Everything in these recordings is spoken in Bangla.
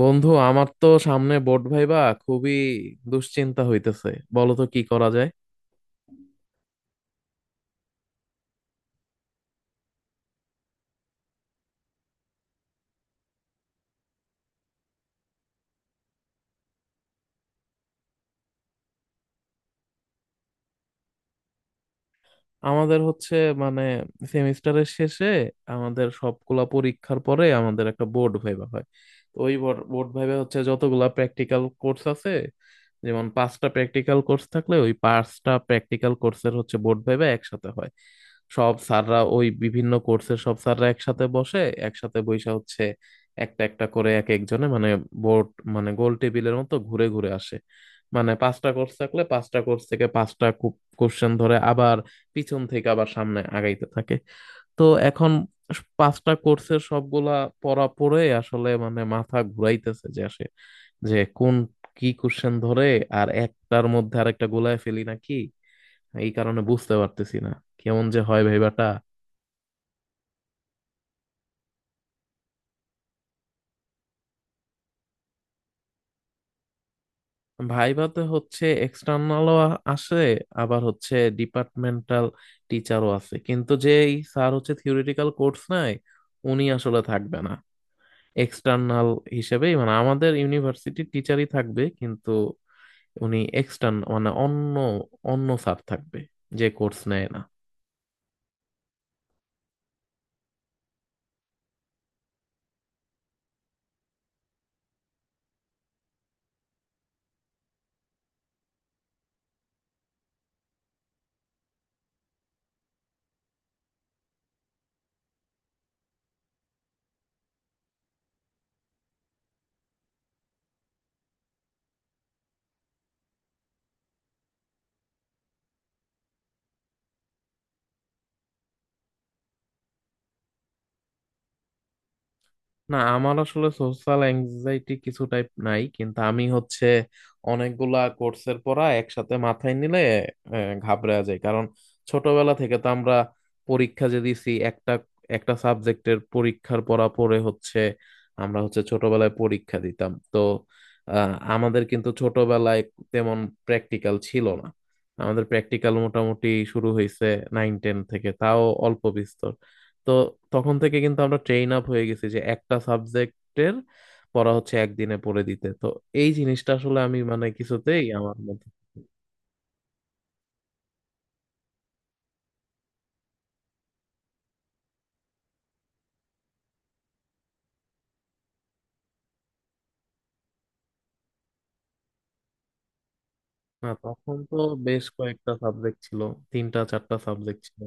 বন্ধু, আমার তো সামনে বোর্ড ভাইবা। খুবই দুশ্চিন্তা হইতেছে। বলো তো কি করা যায়? আমাদের হচ্ছে মানে সেমিস্টারের শেষে আমাদের সবগুলা পরীক্ষার পরে আমাদের একটা বোর্ড ভাইবা হয়। তো ওই বোর্ড ভাইবা হচ্ছে যতগুলা প্র্যাকটিক্যাল কোর্স আছে, যেমন পাঁচটা প্র্যাকটিক্যাল কোর্স থাকলে ওই পাঁচটা প্র্যাকটিক্যাল কোর্সের হচ্ছে বোর্ড ভাইভা একসাথে হয়। সব স্যাররা ওই বিভিন্ন কোর্সের সব স্যাররা একসাথে বসে একসাথে বৈশা হচ্ছে একটা একটা করে এক একজনে মানে বোর্ড, মানে গোল টেবিলের মতো ঘুরে ঘুরে আসে। মানে পাঁচটা কোর্স থাকলে পাঁচটা কোর্স থেকে পাঁচটা কোশ্চেন ধরে, আবার পিছন থেকে আবার সামনে আগাইতে থাকে। তো এখন পাঁচটা কোর্সের সবগুলা পড়া পড়ে আসলে মানে মাথা ঘুরাইতেছে যে যে কোন কি কোশ্চেন ধরে, আর একটার মধ্যে আরেকটা গোলায় ফেলি নাকি, এই কারণে বুঝতে পারতেছি না কেমন যে হয় ভাইবাটা। ভাইবাতে হচ্ছে এক্সটার্নালও আসে, আবার হচ্ছে ডিপার্টমেন্টাল টিচারও আছে, কিন্তু যেই স্যার হচ্ছে থিওরিটিক্যাল কোর্স নাই উনি আসলে থাকবে না। এক্সটার্নাল হিসেবেই মানে আমাদের ইউনিভার্সিটির টিচারই থাকবে, কিন্তু উনি এক্সটার্ন মানে অন্য অন্য স্যার থাকবে, যে কোর্স নেয় না। না, আমার আসলে সোশ্যাল অ্যাংজাইটি কিছু টাইপ নাই, কিন্তু আমি হচ্ছে অনেকগুলা কোর্সের পড়া একসাথে মাথায় নিলে ঘাবড়ে যায়, কারণ ছোটবেলা থেকে তো আমরা পরীক্ষা যে দিছি একটা একটা সাবজেক্টের পরীক্ষার পড়া পড়ে হচ্ছে আমরা হচ্ছে ছোটবেলায় পরীক্ষা দিতাম তো। আমাদের কিন্তু ছোটবেলায় তেমন প্র্যাকটিক্যাল ছিল না। আমাদের প্র্যাকটিক্যাল মোটামুটি শুরু হয়েছে নাইন টেন থেকে, তাও অল্প বিস্তর। তো তখন থেকে কিন্তু আমরা ট্রেন আপ হয়ে গেছি যে একটা সাবজেক্টের পড়া হচ্ছে একদিনে পড়ে দিতে। তো এই জিনিসটা আসলে আমি মানে কিছুতেই আমার মধ্যে। না তখন তো বেশ কয়েকটা সাবজেক্ট ছিল, তিনটা চারটা সাবজেক্ট ছিল।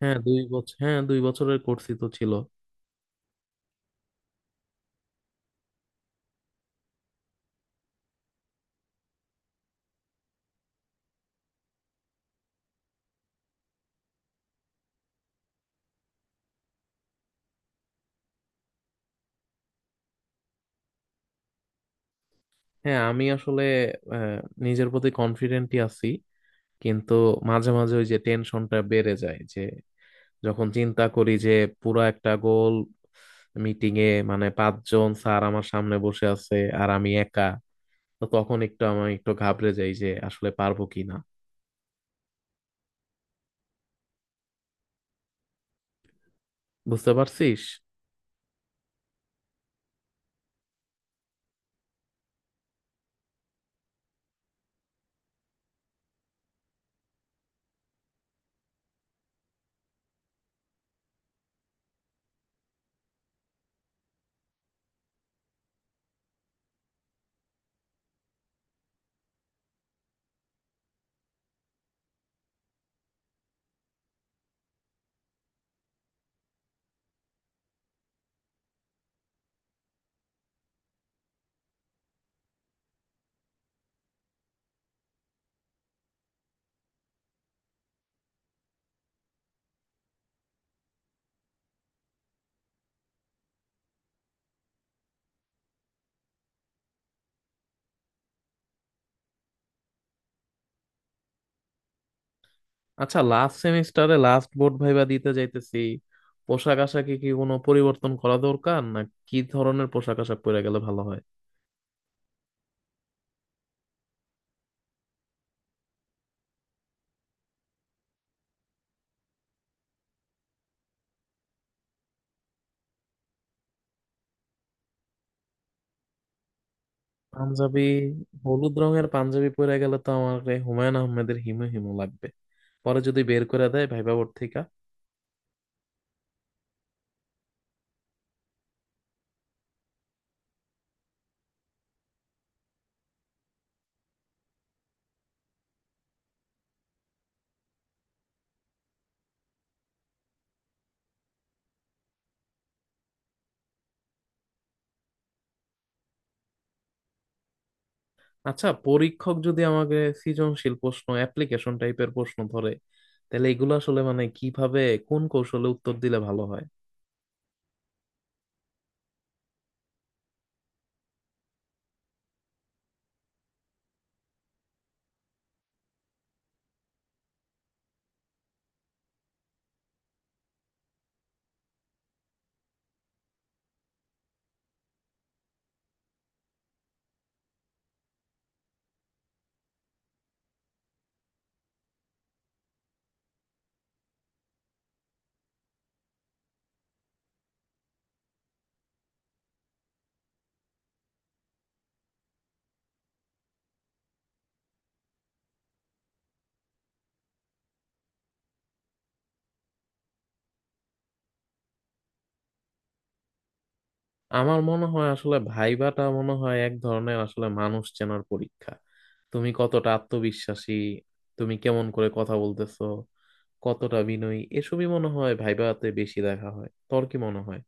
হ্যাঁ 2 বছর, হ্যাঁ 2 বছরের কোর্সই তো ছিল। হ্যাঁ, আমি আসলে আহ, নিজের প্রতি কনফিডেন্টই আছি, কিন্তু মাঝে মাঝে ওই যে টেনশনটা বেড়ে যায় যে যখন চিন্তা করি যে পুরা একটা গোল মিটিং এ মানে পাঁচজন স্যার আমার সামনে বসে আছে, আর আমি একা। তো তখন একটু আমি একটু ঘাবড়ে যাই যে আসলে পারবো কি না, বুঝতে পারছিস। আচ্ছা, লাস্ট সেমিস্টারে লাস্ট বোর্ড ভাইবা দিতে যাইতেছি, পোশাক আশাকে কি কোনো পরিবর্তন করা দরকার? না কি ধরনের পোশাক আশাক পরে গেলে ভালো হয়? পাঞ্জাবি, হলুদ রঙের পাঞ্জাবি পরে গেলে তো আমার রে হুমায়ুন আহমেদের হিমো হিমো লাগবে। পরে যদি বের করে দেয় ভাইবা বোর্ড থেকে। আচ্ছা, পরীক্ষক যদি আমাকে সৃজনশীল প্রশ্ন, অ্যাপ্লিকেশন টাইপের প্রশ্ন ধরে, তাহলে এগুলো আসলে মানে কিভাবে কোন কৌশলে উত্তর দিলে ভালো হয়? আমার মনে হয় আসলে ভাইভাটা মনে হয় এক ধরনের আসলে মানুষ চেনার পরীক্ষা। তুমি কতটা আত্মবিশ্বাসী, তুমি কেমন করে কথা বলতেছো, কতটা বিনয়ী, এসবই মনে হয় ভাইভাতে বেশি দেখা হয়। তোর কি মনে হয়?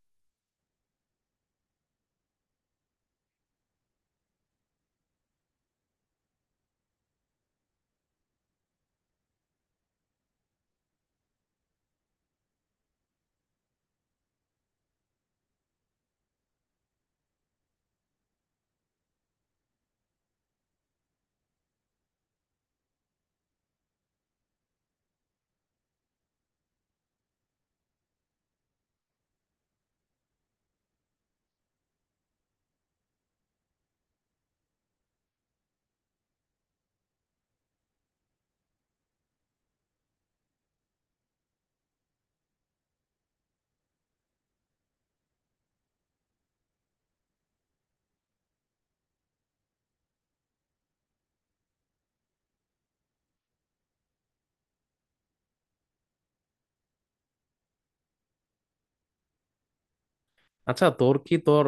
আচ্ছা, তোর কি তোর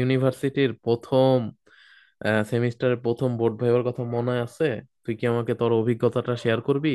ইউনিভার্সিটির প্রথম সেমিস্টারের প্রথম বোর্ড ভাইবার কথা মনে আছে? তুই কি আমাকে তোর অভিজ্ঞতাটা শেয়ার করবি?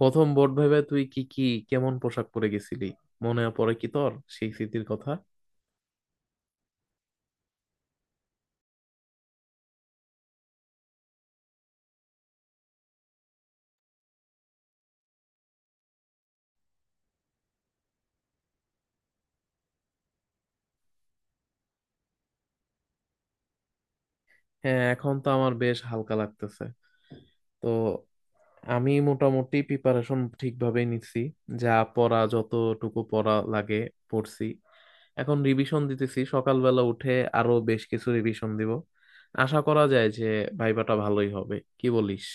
প্রথম বোর্ড ভাইবায় তুই কি কি কেমন পোশাক পরে গেছিলি? মনে পড়ে কি তোর সেই স্মৃতির কথা? হ্যাঁ, এখন তো আমার বেশ হালকা লাগতেছে। তো আমি মোটামুটি প্রিপারেশন ঠিকভাবেই নিচ্ছি, যা পড়া যতটুকু পড়া লাগে পড়ছি। এখন রিভিশন দিতেছি সকালবেলা উঠে, আরো বেশ কিছু রিভিশন দিব। আশা করা যায় যে ভাইবাটা ভালোই হবে, কি বলিস?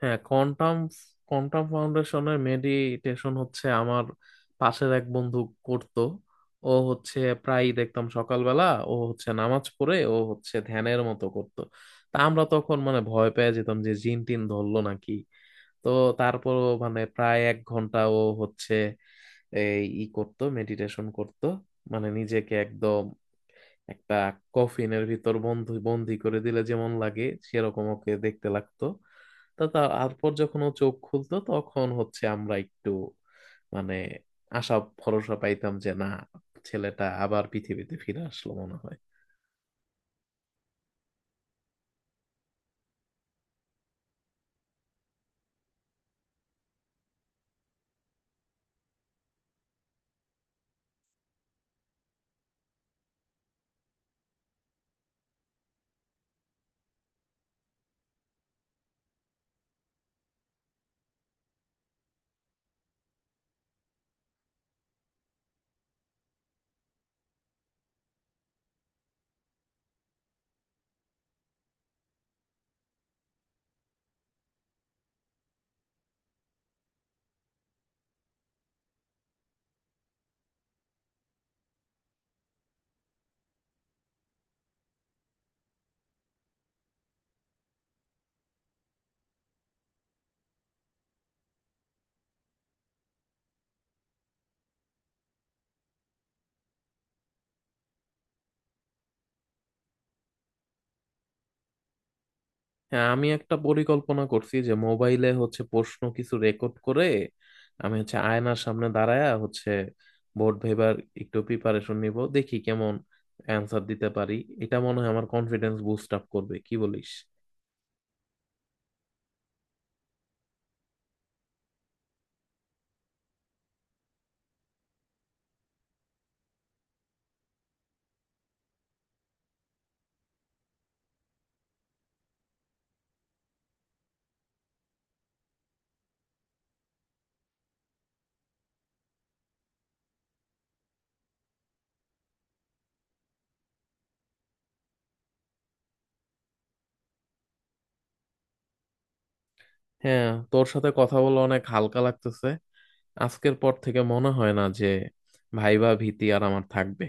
হ্যাঁ, কোয়ান্টাম কোয়ান্টাম ফাউন্ডেশনের মেডিটেশন হচ্ছে আমার পাশের এক বন্ধু করত। ও হচ্ছে প্রায় দেখতাম সকালবেলা ও হচ্ছে নামাজ পড়ে ও হচ্ছে ধ্যানের মতো করত। তা আমরা তখন মানে ভয় পেয়ে যেতাম যে জিন টিন ধরলো নাকি। তো তারপর মানে প্রায় 1 ঘন্টা ও হচ্ছে এই ই করতো মেডিটেশন করত, মানে নিজেকে একদম একটা কফিনের ভিতর বন্ধু বন্দি করে দিলে যেমন লাগে সেরকম ওকে দেখতে লাগতো। তো তারপর যখন ও চোখ খুলতো তখন হচ্ছে আমরা একটু মানে আশা ভরসা পাইতাম যে না, ছেলেটা আবার পৃথিবীতে ফিরে আসলো মনে হয়। হ্যাঁ, আমি একটা পরিকল্পনা করছি যে মোবাইলে হচ্ছে প্রশ্ন কিছু রেকর্ড করে আমি হচ্ছে আয়নার সামনে দাঁড়ায়া হচ্ছে বোর্ড ভেবার একটু প্রিপারেশন নিব, দেখি কেমন অ্যান্সার দিতে পারি। এটা মনে হয় আমার কনফিডেন্স বুস্ট আপ করবে, কি বলিস? হ্যাঁ, তোর সাথে কথা বলে অনেক হালকা লাগতেছে। আজকের পর থেকে মনে হয় না যে ভাইবা ভীতি আর আমার থাকবে।